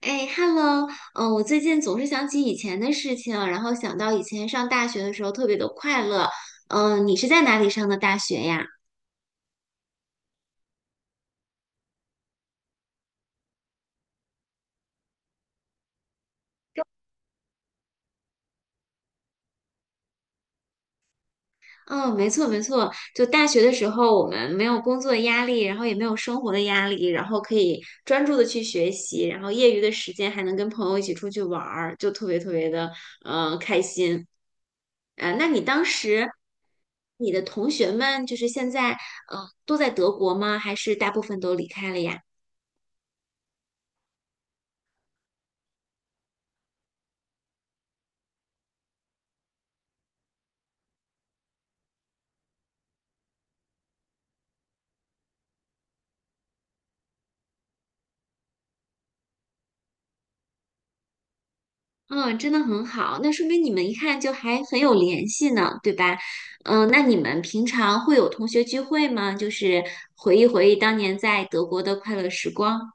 哎，Hello，嗯，我最近总是想起以前的事情，然后想到以前上大学的时候特别的快乐。嗯，你是在哪里上的大学呀？嗯，没错没错，就大学的时候我们没有工作的压力，然后也没有生活的压力，然后可以专注的去学习，然后业余的时间还能跟朋友一起出去玩儿，就特别特别的开心。那你当时你的同学们就是现在都在德国吗？还是大部分都离开了呀？嗯，真的很好，那说明你们一看就还很有联系呢，对吧？嗯，那你们平常会有同学聚会吗？就是回忆回忆当年在德国的快乐时光。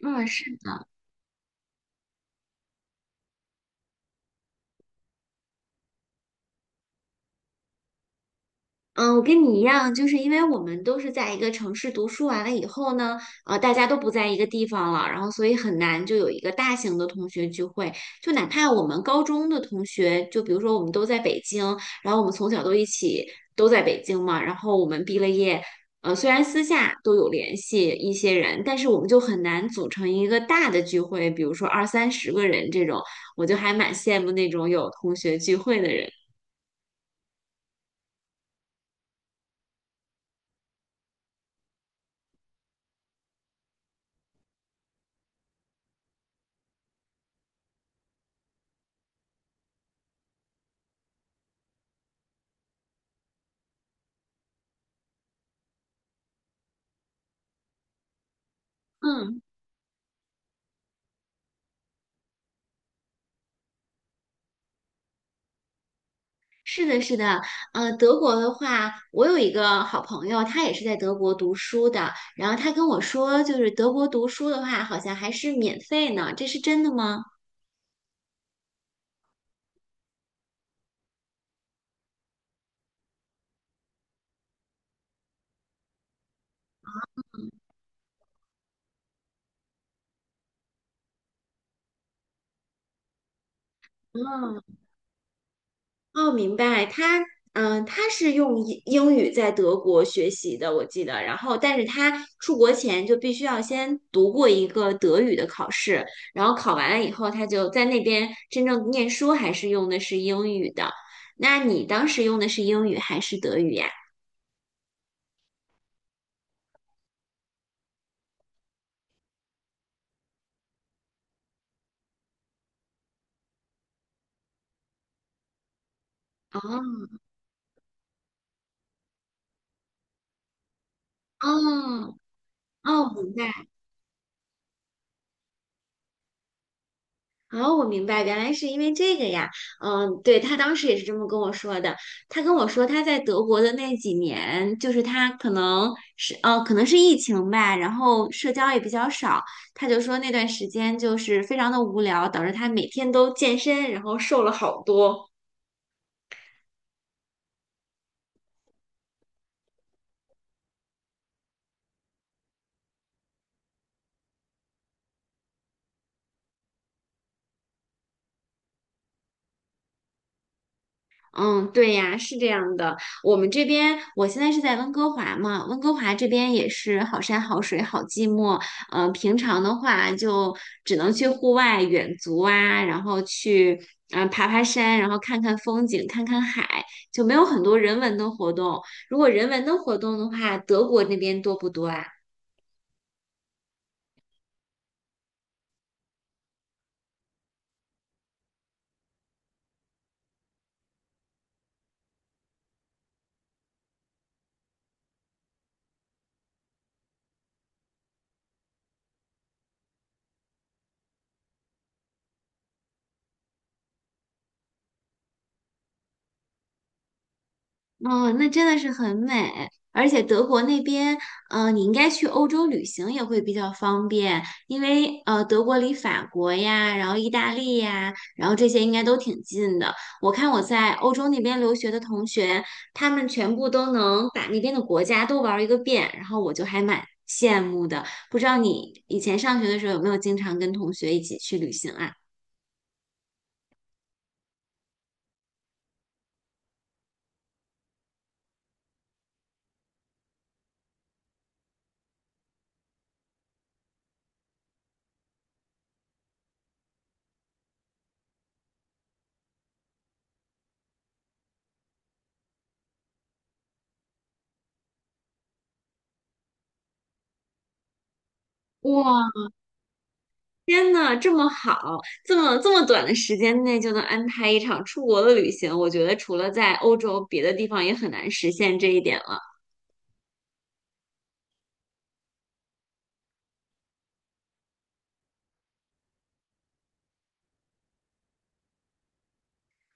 嗯，是的。嗯，我跟你一样，就是因为我们都是在一个城市读书完了以后呢，大家都不在一个地方了，然后所以很难就有一个大型的同学聚会。就哪怕我们高中的同学，就比如说我们都在北京，然后我们从小都一起都在北京嘛，然后我们毕了业，虽然私下都有联系一些人，但是我们就很难组成一个大的聚会，比如说二三十个人这种，我就还蛮羡慕那种有同学聚会的人。嗯。是的，是的，德国的话，我有一个好朋友，他也是在德国读书的，然后他跟我说，就是德国读书的话，好像还是免费呢，这是真的吗？嗯，哦，明白，他，嗯、他是用英语在德国学习的，我记得，然后，但是他出国前就必须要先读过一个德语的考试，然后考完了以后，他就在那边真正念书，还是用的是英语的。那你当时用的是英语还是德语呀？啊。哦哦，明白。哦，我明白，原来是因为这个呀。嗯，对，他当时也是这么跟我说的。他跟我说他在德国的那几年，就是他可能是可能是疫情吧，然后社交也比较少。他就说那段时间就是非常的无聊，导致他每天都健身，然后瘦了好多。嗯，对呀，是这样的。我们这边，我现在是在温哥华嘛，温哥华这边也是好山好水好寂寞。平常的话就只能去户外远足啊，然后去嗯、爬爬山，然后看看风景，看看海，就没有很多人文的活动。如果人文的活动的话，德国那边多不多啊？哦，那真的是很美，而且德国那边，你应该去欧洲旅行也会比较方便，因为德国离法国呀，然后意大利呀，然后这些应该都挺近的。我看我在欧洲那边留学的同学，他们全部都能把那边的国家都玩儿一个遍，然后我就还蛮羡慕的。不知道你以前上学的时候有没有经常跟同学一起去旅行啊？哇！天呐，这么好，这么短的时间内就能安排一场出国的旅行，我觉得除了在欧洲，别的地方也很难实现这一点了。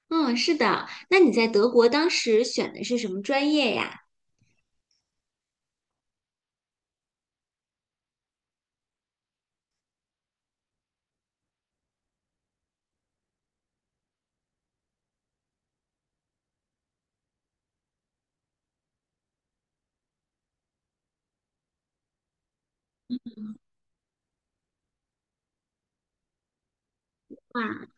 嗯，是的。那你在德国当时选的是什么专业呀？啊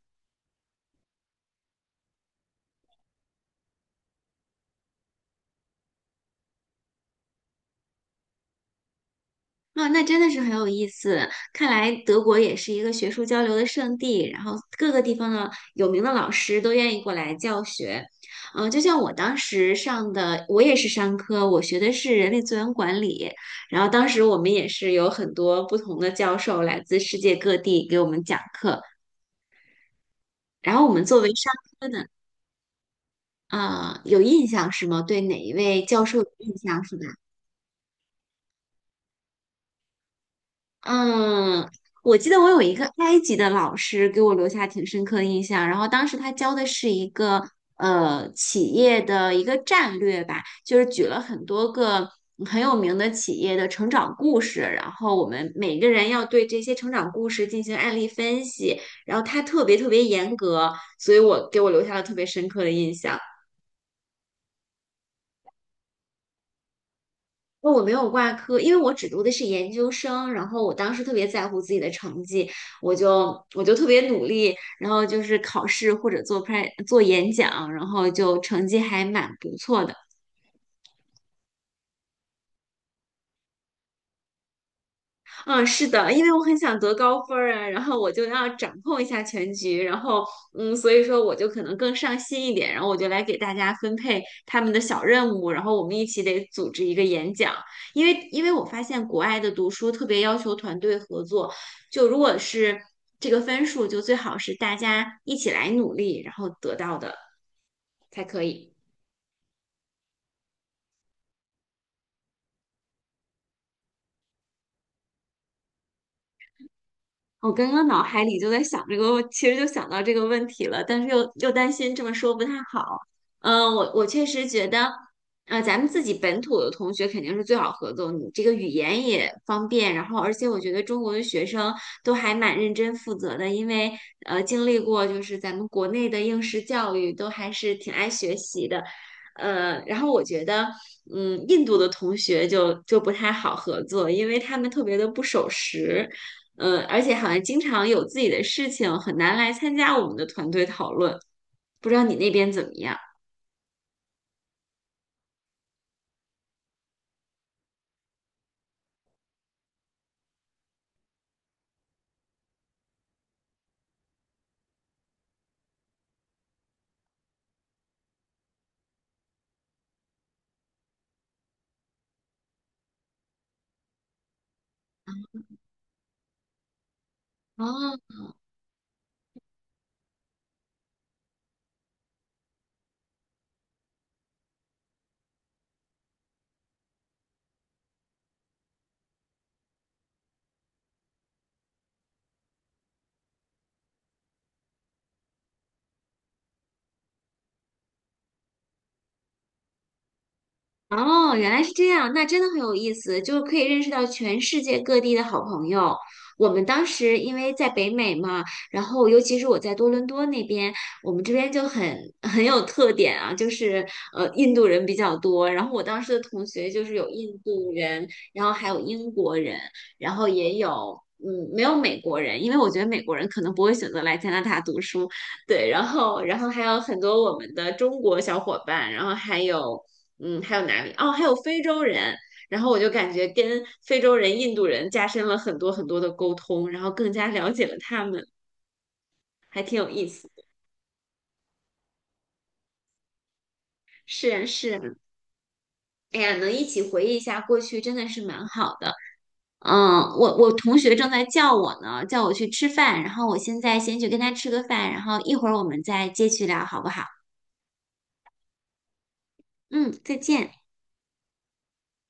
啊，那真的是很有意思。看来德国也是一个学术交流的圣地，然后各个地方的有名的老师都愿意过来教学。嗯、就像我当时上的，我也是商科，我学的是人力资源管理。然后当时我们也是有很多不同的教授来自世界各地给我们讲课。然后我们作为商科的，啊、有印象是吗？对哪一位教授有印象是吧？嗯，我记得我有一个埃及的老师给我留下挺深刻的印象，然后当时他教的是一个企业的一个战略吧，就是举了很多个很有名的企业的成长故事，然后我们每个人要对这些成长故事进行案例分析，然后他特别特别严格，所以我给我留下了特别深刻的印象。我没有挂科，因为我只读的是研究生，然后我当时特别在乎自己的成绩，我就特别努力，然后就是考试或者做 p 做演讲，然后就成绩还蛮不错的。嗯，是的，因为我很想得高分儿啊，然后我就要掌控一下全局，然后嗯，所以说我就可能更上心一点，然后我就来给大家分配他们的小任务，然后我们一起得组织一个演讲，因为我发现国外的读书特别要求团队合作，就如果是这个分数，就最好是大家一起来努力，然后得到的才可以。我刚刚脑海里就在想这个问，其实就想到这个问题了，但是又担心这么说不太好。嗯、我确实觉得，咱们自己本土的同学肯定是最好合作，你这个语言也方便，然后而且我觉得中国的学生都还蛮认真负责的，因为经历过就是咱们国内的应试教育，都还是挺爱学习的。然后我觉得，嗯，印度的同学就不太好合作，因为他们特别的不守时。嗯，而且好像经常有自己的事情，很难来参加我们的团队讨论。不知道你那边怎么样？啊？哦，原来是这样，那真的很有意思，就是可以认识到全世界各地的好朋友。我们当时因为在北美嘛，然后尤其是我在多伦多那边，我们这边就很 很有特点啊，就是印度人比较多。然后我当时的同学就是有印度人，然后还有英国人，然后也有嗯没有美国人，因为我觉得美国人可能不会选择来加拿大读书，对，然后还有很多我们的中国小伙伴，然后还有。嗯，还有哪里？哦，还有非洲人。然后我就感觉跟非洲人、印度人加深了很多很多的沟通，然后更加了解了他们，还挺有意思。是啊，是啊。哎呀，能一起回忆一下过去，真的是蛮好的。嗯，我同学正在叫我呢，叫我去吃饭，然后我现在先去跟他吃个饭，然后一会儿我们再接续聊，好不好？嗯，再见。